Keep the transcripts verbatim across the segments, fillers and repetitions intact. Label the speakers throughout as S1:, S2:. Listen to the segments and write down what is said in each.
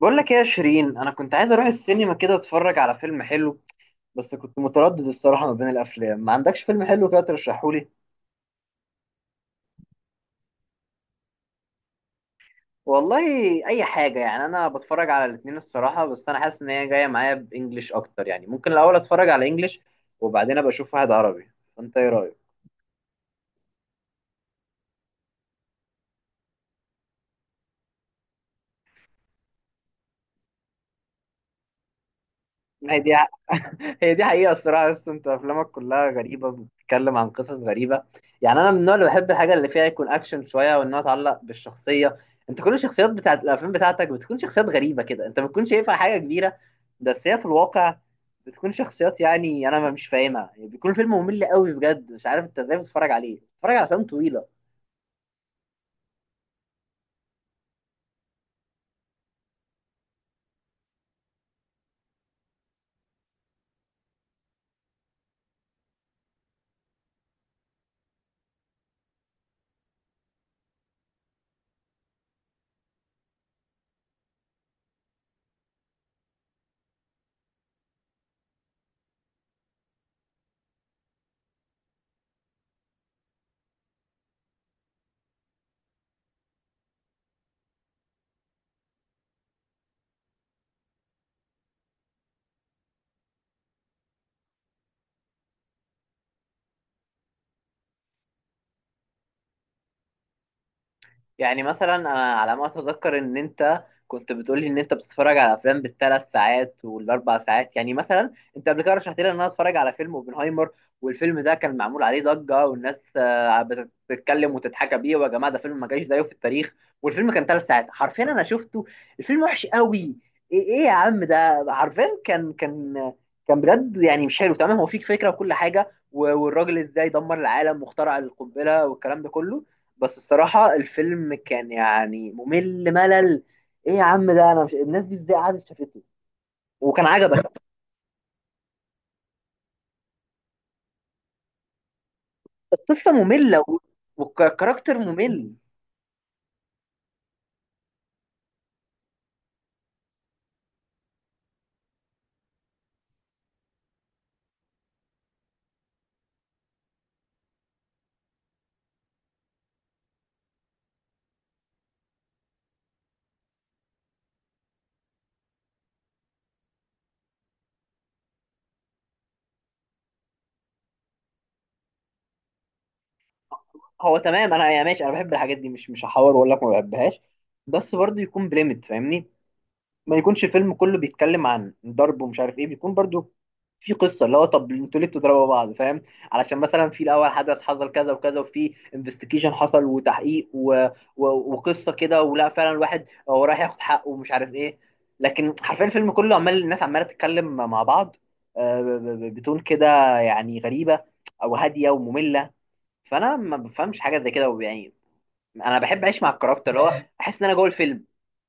S1: بقول لك ايه يا شيرين، انا كنت عايز اروح السينما كده اتفرج على فيلم حلو. بس كنت متردد الصراحه ما بين الافلام، ما عندكش فيلم حلو كده ترشحهولي؟ والله اي حاجه، يعني انا بتفرج على الاتنين الصراحه، بس انا حاسس ان هي جايه معايا بانجلش اكتر، يعني ممكن الاول اتفرج على انجلش وبعدين ابقى اشوف واحد عربي. فانت ايه رايك؟ ما هي دي، هي دي حقيقة الصراحة. بس انت افلامك كلها غريبة، بتتكلم عن قصص غريبة. يعني انا من النوع اللي بحب الحاجة اللي فيها يكون اكشن شوية، وانها تعلق بالشخصية. انت كل الشخصيات بتاعت الافلام بتاعتك بتكون شخصيات غريبة كده، انت بتكون شايفها حاجة كبيرة، بس هي في الواقع بتكون شخصيات، يعني انا ما مش فاهمها، يعني بيكون فيلم ممل قوي بجد، مش عارف انت ازاي بتتفرج عليه، بتتفرج على افلام طويلة. يعني مثلا انا على ما اتذكر ان انت كنت بتقولي ان انت بتتفرج على افلام بالثلاث ساعات والاربع ساعات. يعني مثلا انت قبل كده رشحت لي ان انا اتفرج على فيلم اوبنهايمر، والفيلم ده كان معمول عليه ضجه والناس آه، بتتكلم وتتحكى بيه، ويا جماعه ده فيلم ما جاش زيه في التاريخ. والفيلم كان تلات ساعات حرفيا، انا شفته الفيلم وحش قوي. ايه إيه يا عم، ده حرفيا كان كان كان بجد يعني مش حلو تمام. هو فيك فكره وكل حاجه و- والراجل ازاي دمر العالم واخترع القنبله والكلام ده كله، بس الصراحة الفيلم كان يعني ممل ملل. ايه يا عم ده، انا مش الناس دي ازاي قعدت شافته وكان عجبك؟ القصة مملة و- والكاركتر ممل. هو تمام، انا يعني ماشي انا بحب الحاجات دي، مش مش هحاور واقول لك ما بحبهاش، بس برضه يكون بليمت فاهمني. ما يكونش فيلم كله بيتكلم عن ضرب ومش عارف ايه، بيكون برضو في قصه، اللي هو طب انتوا ليه بتضربوا بعض فاهم؟ علشان مثلا في الاول حدث حصل كذا وكذا، وفي انفستيجيشن حصل وتحقيق و... و... وقصه كده، ولا فعلا الواحد هو رايح ياخد حقه ومش عارف ايه. لكن حرفيا الفيلم كله عمال الناس عماله تتكلم مع بعض، آه، ب- ب- بتون كده، يعني غريبه او هاديه وممله. فانا ما بفهمش حاجه زي كده، يعني انا بحب اعيش مع الكاركتر، اللي هو احس ان انا جوه الفيلم.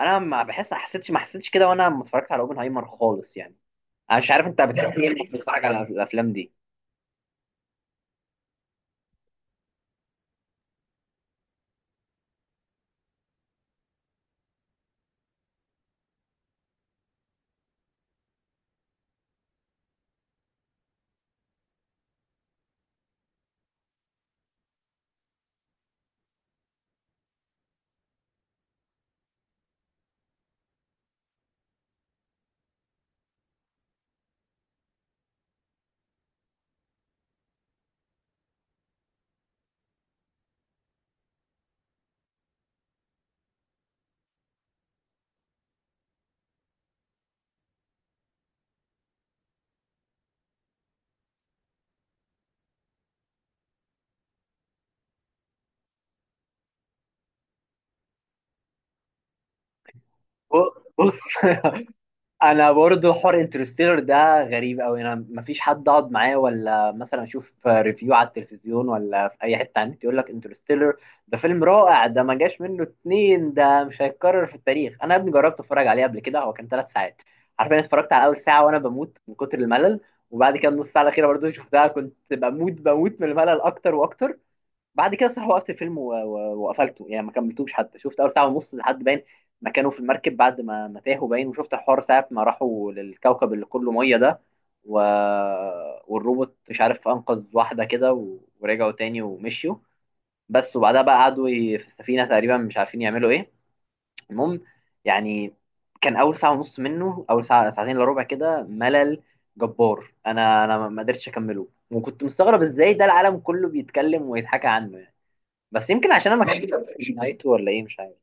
S1: انا ما بحس ما حسيتش ما حسيتش كده وانا ما اتفرجت على اوبنهايمر خالص يعني. انا مش عارف انت بتحس ايه انك بتتفرج على الافلام دي. ب- بص انا برضو حوار انترستيلر ده غريب قوي، انا ما فيش حد اقعد معاه ولا مثلا اشوف ريفيو على التلفزيون ولا في اي حته على النت يقول لك انترستيلر ده فيلم رائع، ده ما جاش منه اتنين، ده مش هيتكرر في التاريخ. انا يا ابني جربت اتفرج عليه قبل كده، هو كان تلات ساعات حرفيا. اتفرجت على اول ساعه وانا بموت من كتر الملل، وبعد كده النص ساعه الاخيره برضو شفتها كنت بموت بموت من الملل اكتر واكتر. بعد كده صراحة وقفت الفيلم و- و- وقفلته، يعني ما كملتوش، حتى شفت اول ساعة ونص لحد باين ما كانوا في المركب بعد ما ما تاهوا، باين وشفت الحوار ساعة ما راحوا للكوكب اللي كله مية ده، و... والروبوت مش عارف انقذ واحدة كده و... ورجعوا تاني ومشيوا، بس وبعدها بقى قعدوا ي- في السفينة تقريبا مش عارفين يعملوا ايه. المهم، يعني كان اول ساعة ونص منه، اول ساعة ساعتين الا ربع كده ملل جبار، انا انا ما ما قدرتش اكمله، وكنت مستغرب ازاي ده العالم كله بيتكلم ويتحكى عنه. بس يمكن عشان انا ما كملتش نهايته ولا ايه، مش عارف.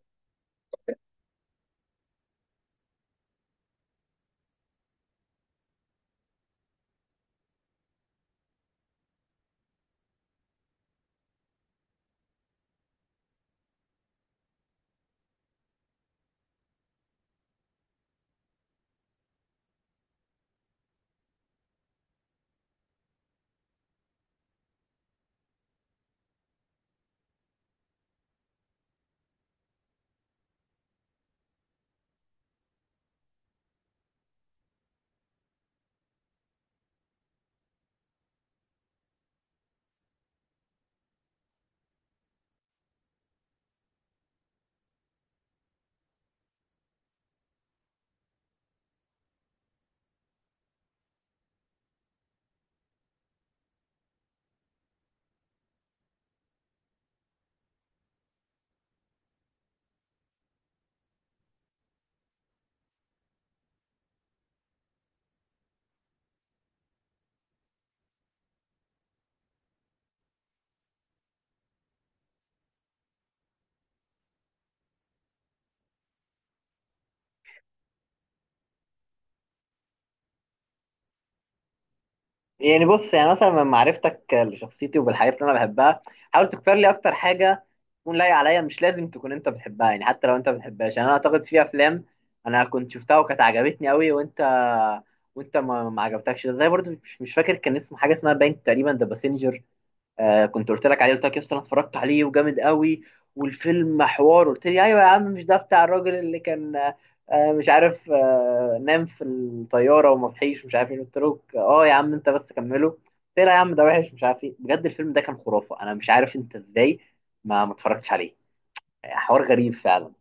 S1: يعني بص، يعني مثلا من معرفتك لشخصيتي وبالحاجات اللي انا بحبها، حاول تختار لي اكتر حاجه تكون لايقه عليا، مش لازم تكون انت بتحبها، يعني حتى لو انت ما بتحبهاش. يعني انا اعتقد في افلام انا كنت شفتها وكانت عجبتني قوي وانت وانت ما, ما عجبتكش، زي برضو مش, مش فاكر كان اسمه حاجه اسمها باين، تقريبا ذا باسنجر. آه كنت قلت لك عليه، قلت لك يا اسطى انا اتفرجت عليه وجامد قوي والفيلم حوار، قلت لي ايوه يا عم مش ده بتاع الراجل اللي كان آه مش عارف آه نام في الطياره وما صحيش مش عارف ايه، قلت له اه يا عم انت بس كمله، قلت لي لا يا عم ده وحش مش عارف ايه. بجد الفيلم ده كان خرافه، انا مش عارف انت ازاي ما ما اتفرجتش عليه، يعني حوار غريب فعلا.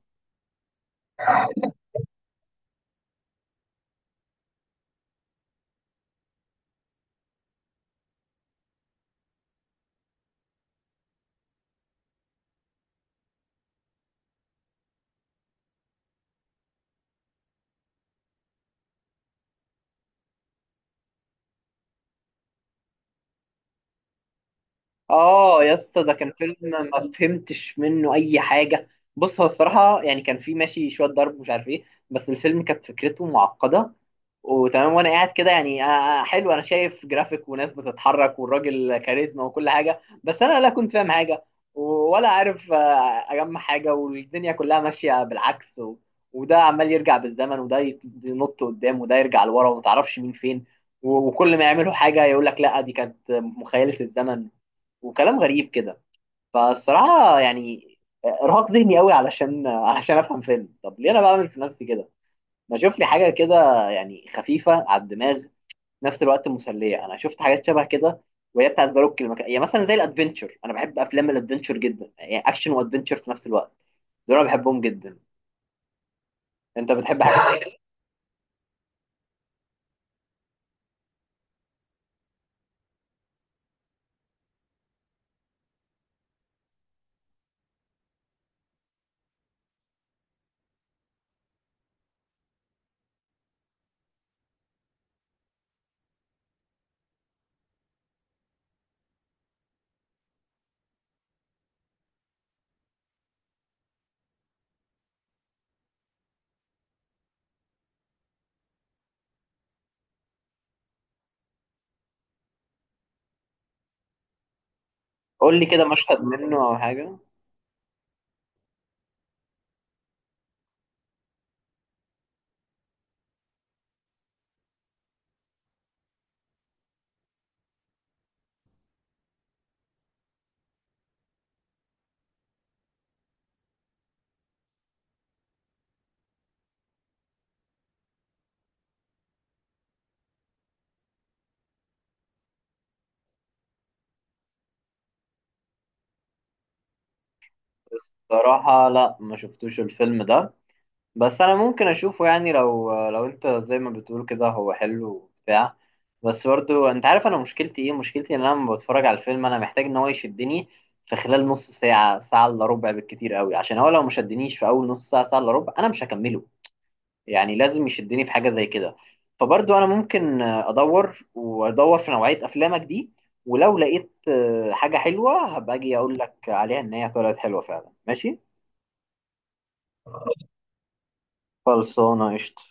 S1: اه يا اسطى، ده كان فيلم ما فهمتش منه اي حاجه. بص هو الصراحه يعني كان فيه ماشي شويه ضرب ومش عارف ايه، بس الفيلم كانت فكرته معقده، وتمام، وانا قاعد كده يعني آه آه، حلو، انا شايف جرافيك وناس بتتحرك والراجل كاريزما وكل حاجه، بس انا لا كنت فاهم حاجه ولا عارف آه اجمع حاجه، والدنيا كلها ماشيه بالعكس و... وده عمال يرجع بالزمن، وده يت- ينط قدام، وده يرجع لورا، وما تعرفش مين فين، و- وكل ما يعملوا حاجه يقول لك لا دي كانت مخيله الزمن، وكلام غريب كده. فالصراحه يعني ارهاق ذهني قوي، علشان علشان افهم فيلم. طب ليه انا بعمل في نفسي كده؟ ما اشوف لي حاجه كده يعني خفيفه على الدماغ في نفس الوقت مسليه. انا شفت حاجات شبه كده، وهي بتاعت ذا روك، المك... يعني مثلا زي الادفنتشر، انا بحب افلام الادفنتشر جدا، يعني اكشن وادفنتشر في نفس الوقت، دول انا بحبهم جدا. انت بتحب حاجه زي كده؟ قول لي كده مشهد منه او حاجه. الصراحه لا، ما شفتوش الفيلم ده، بس انا ممكن اشوفه، يعني لو لو انت زي ما بتقول كده هو حلو وبتاع. بس برضو انت عارف انا مشكلتي ايه، مشكلتي ان انا لما بتفرج على الفيلم انا محتاج ان هو يشدني في خلال نص ساعة ساعة الا ربع بالكتير قوي، عشان هو لو ما شدنيش في اول نص ساعة ساعة الا ربع انا مش هكمله. يعني لازم يشدني في حاجة زي كده. فبرضو انا ممكن ادور وادور في نوعية افلامك دي، ولو لقيت آه، حاجة حلوة هبقى اجي اقول لك عليها ان هي طلعت حلوة فعلا، ماشي. خلصانة قشطة.